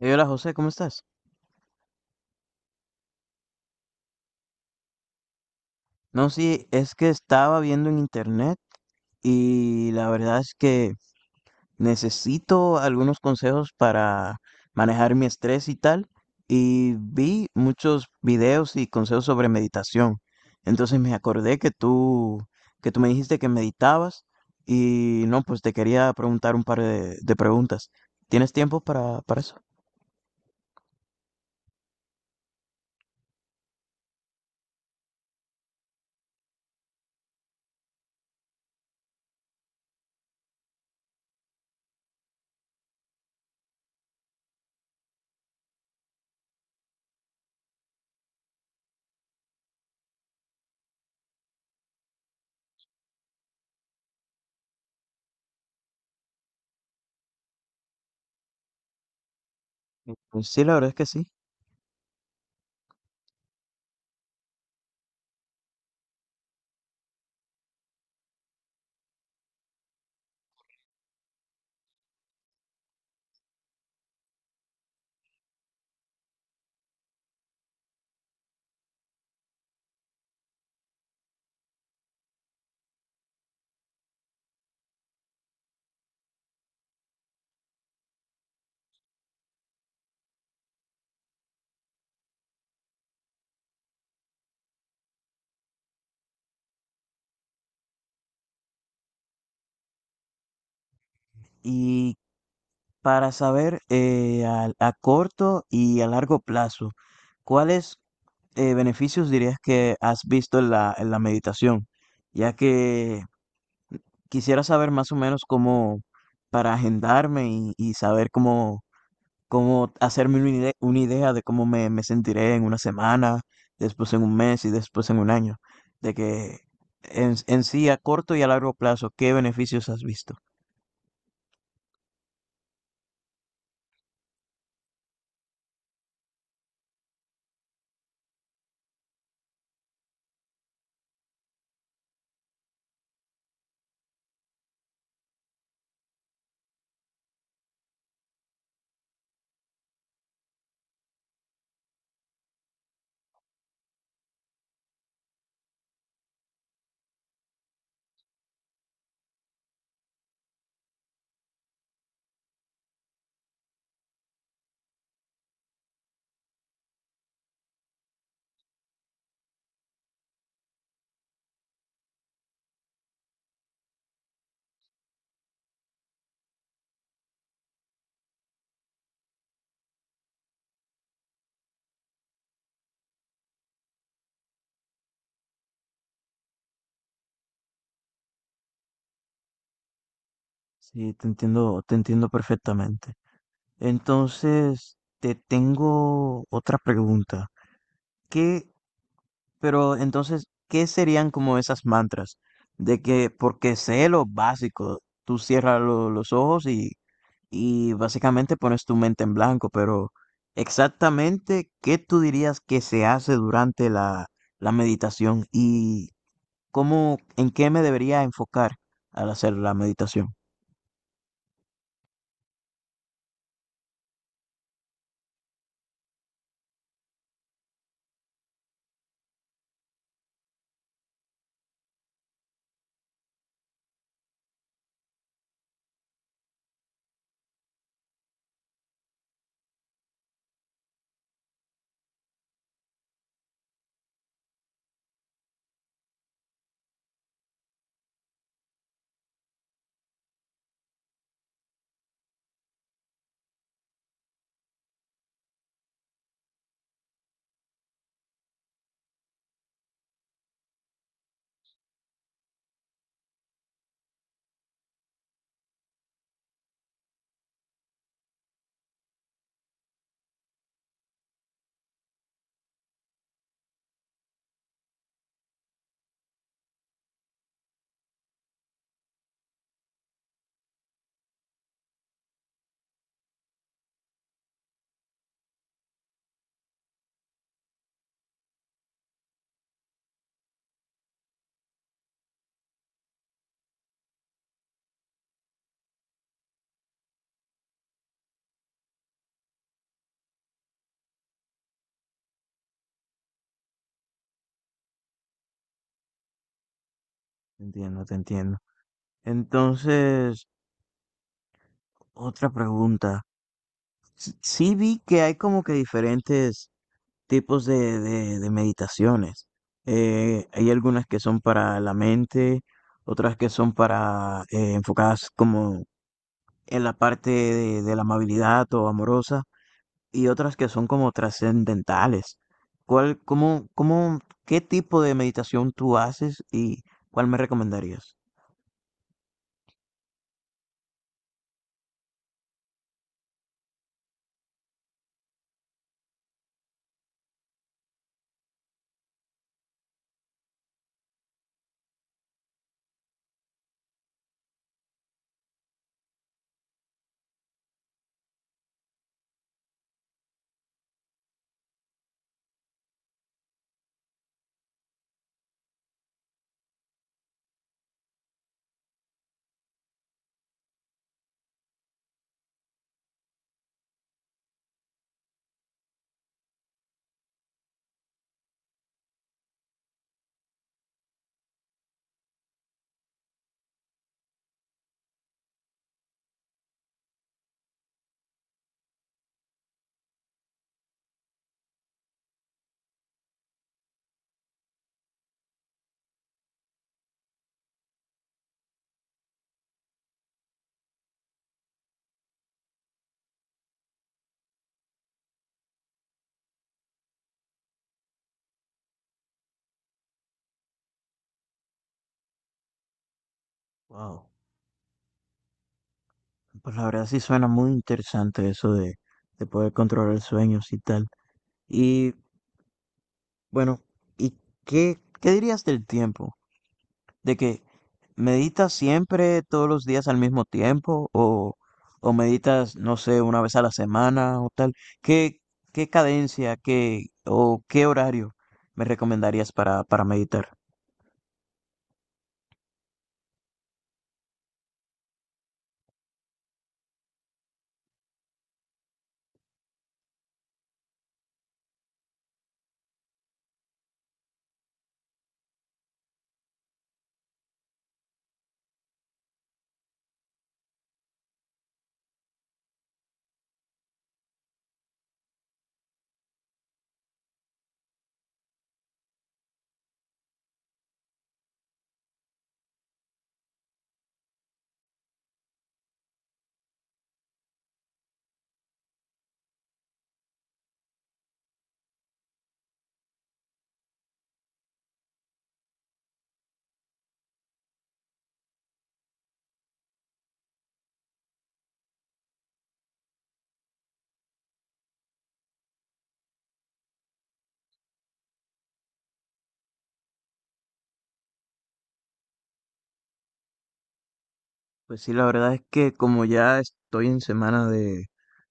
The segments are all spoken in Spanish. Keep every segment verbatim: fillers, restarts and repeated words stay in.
Eh, Hola José, ¿cómo estás? No, sí, es que estaba viendo en internet y la verdad es que necesito algunos consejos para manejar mi estrés y tal. Y vi muchos videos y consejos sobre meditación. Entonces me acordé que tú, que tú me dijiste que meditabas y no, pues te quería preguntar un par de, de preguntas. ¿Tienes tiempo para, para eso? Mm, Pues sí, la verdad es que sí. Y para saber eh, al- a, corto y a largo plazo, ¿cuáles eh, beneficios dirías que has visto en la, en la meditación? Ya que quisiera saber más o menos cómo para agendarme y, y saber cómo, como hacerme una idea, una idea de cómo me, me sentiré en una semana, después en un mes y después en un año, de que en, en sí a corto y a largo plazo, ¿qué beneficios has visto? Sí, te entiendo, te entiendo perfectamente. Entonces, te tengo otra pregunta. ¿Qué Pero entonces, ¿qué serían como esas mantras? De que, porque sé lo básico, tú cierras lo- los ojos y, y básicamente pones tu mente en blanco, pero exactamente, ¿qué tú dirías que se hace durante la, la meditación y cómo, ¿en qué me debería enfocar al hacer la meditación? Te entiendo, te entiendo. Entonces, otra pregunta. Sí sí vi que hay como que diferentes tipos de, de, de meditaciones. Eh, hay algunas que son para la mente, otras que son para eh, enfocadas como en la parte de, de la amabilidad o amorosa, y otras que son como trascendentales. ¿Cuál, cómo, cómo, ¿Qué tipo de meditación tú haces y cuál me recomendarías? Wow. Pues la verdad sí suena muy interesante eso de, de poder controlar sueños y tal. Y bueno, ¿y qué, qué dirías del tiempo? De que meditas siempre todos los días al mismo tiempo o, o meditas, no sé, una vez a la semana o tal. ¿Qué, qué cadencia, qué o qué horario me recomendarías para, para meditar? Pues sí, la verdad es que como ya estoy en semana de,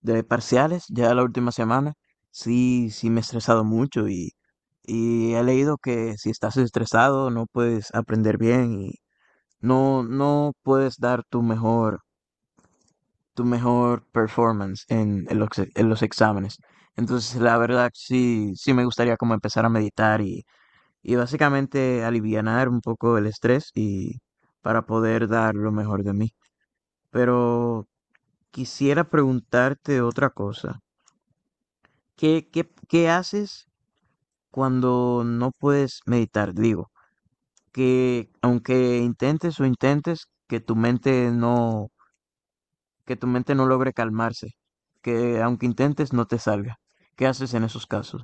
de parciales, ya la última semana, sí, sí me he estresado mucho y, y he leído que si estás estresado no puedes aprender bien y no, no puedes dar tu mejor, tu mejor performance en, en los, ex- en los exámenes. Entonces, la verdad, sí, sí me gustaría como empezar a meditar y, y básicamente alivianar un poco el estrés y para poder dar lo mejor de mí. Pero quisiera preguntarte otra cosa. ¿Qué, qué, qué haces cuando no puedes meditar? Digo, que aunque intentes o intentes, que tu mente no, que tu mente no logre calmarse, que aunque intentes no te salga. ¿Qué haces en esos casos?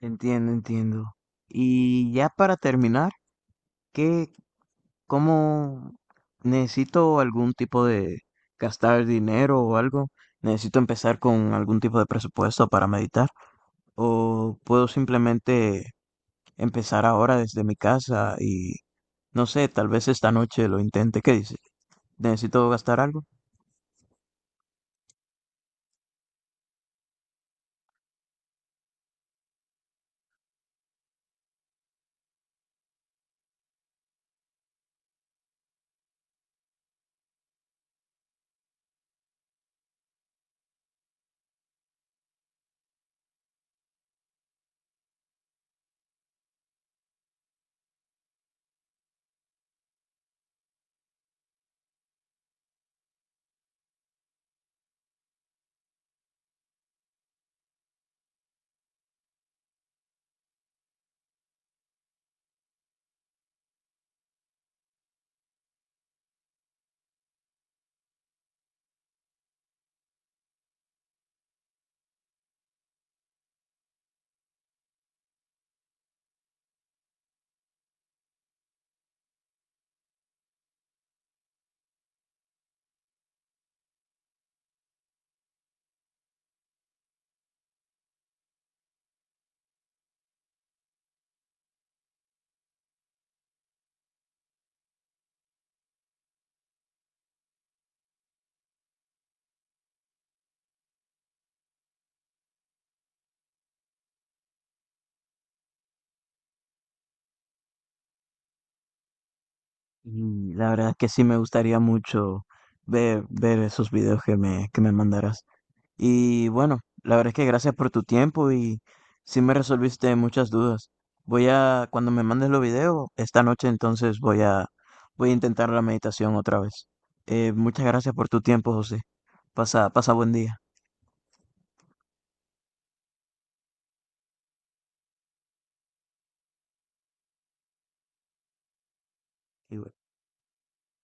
Entiendo, entiendo. Y ya para terminar, ¿qué, cómo ¿necesito algún tipo de gastar dinero o algo? ¿Necesito empezar con algún tipo de presupuesto para meditar? ¿O puedo simplemente empezar ahora desde mi casa y no sé, tal vez esta noche lo intente? ¿Qué dices? ¿Necesito gastar algo? Y la verdad es que sí me gustaría mucho ver, ver esos videos que me, que me mandarás. Y bueno, la verdad es que gracias por tu tiempo y sí me resolviste muchas dudas. Voy a, cuando me mandes los videos, esta noche entonces voy a, voy a intentar la meditación otra vez. Eh, muchas gracias por tu tiempo, José. Pasa, pasa buen día. Y bueno.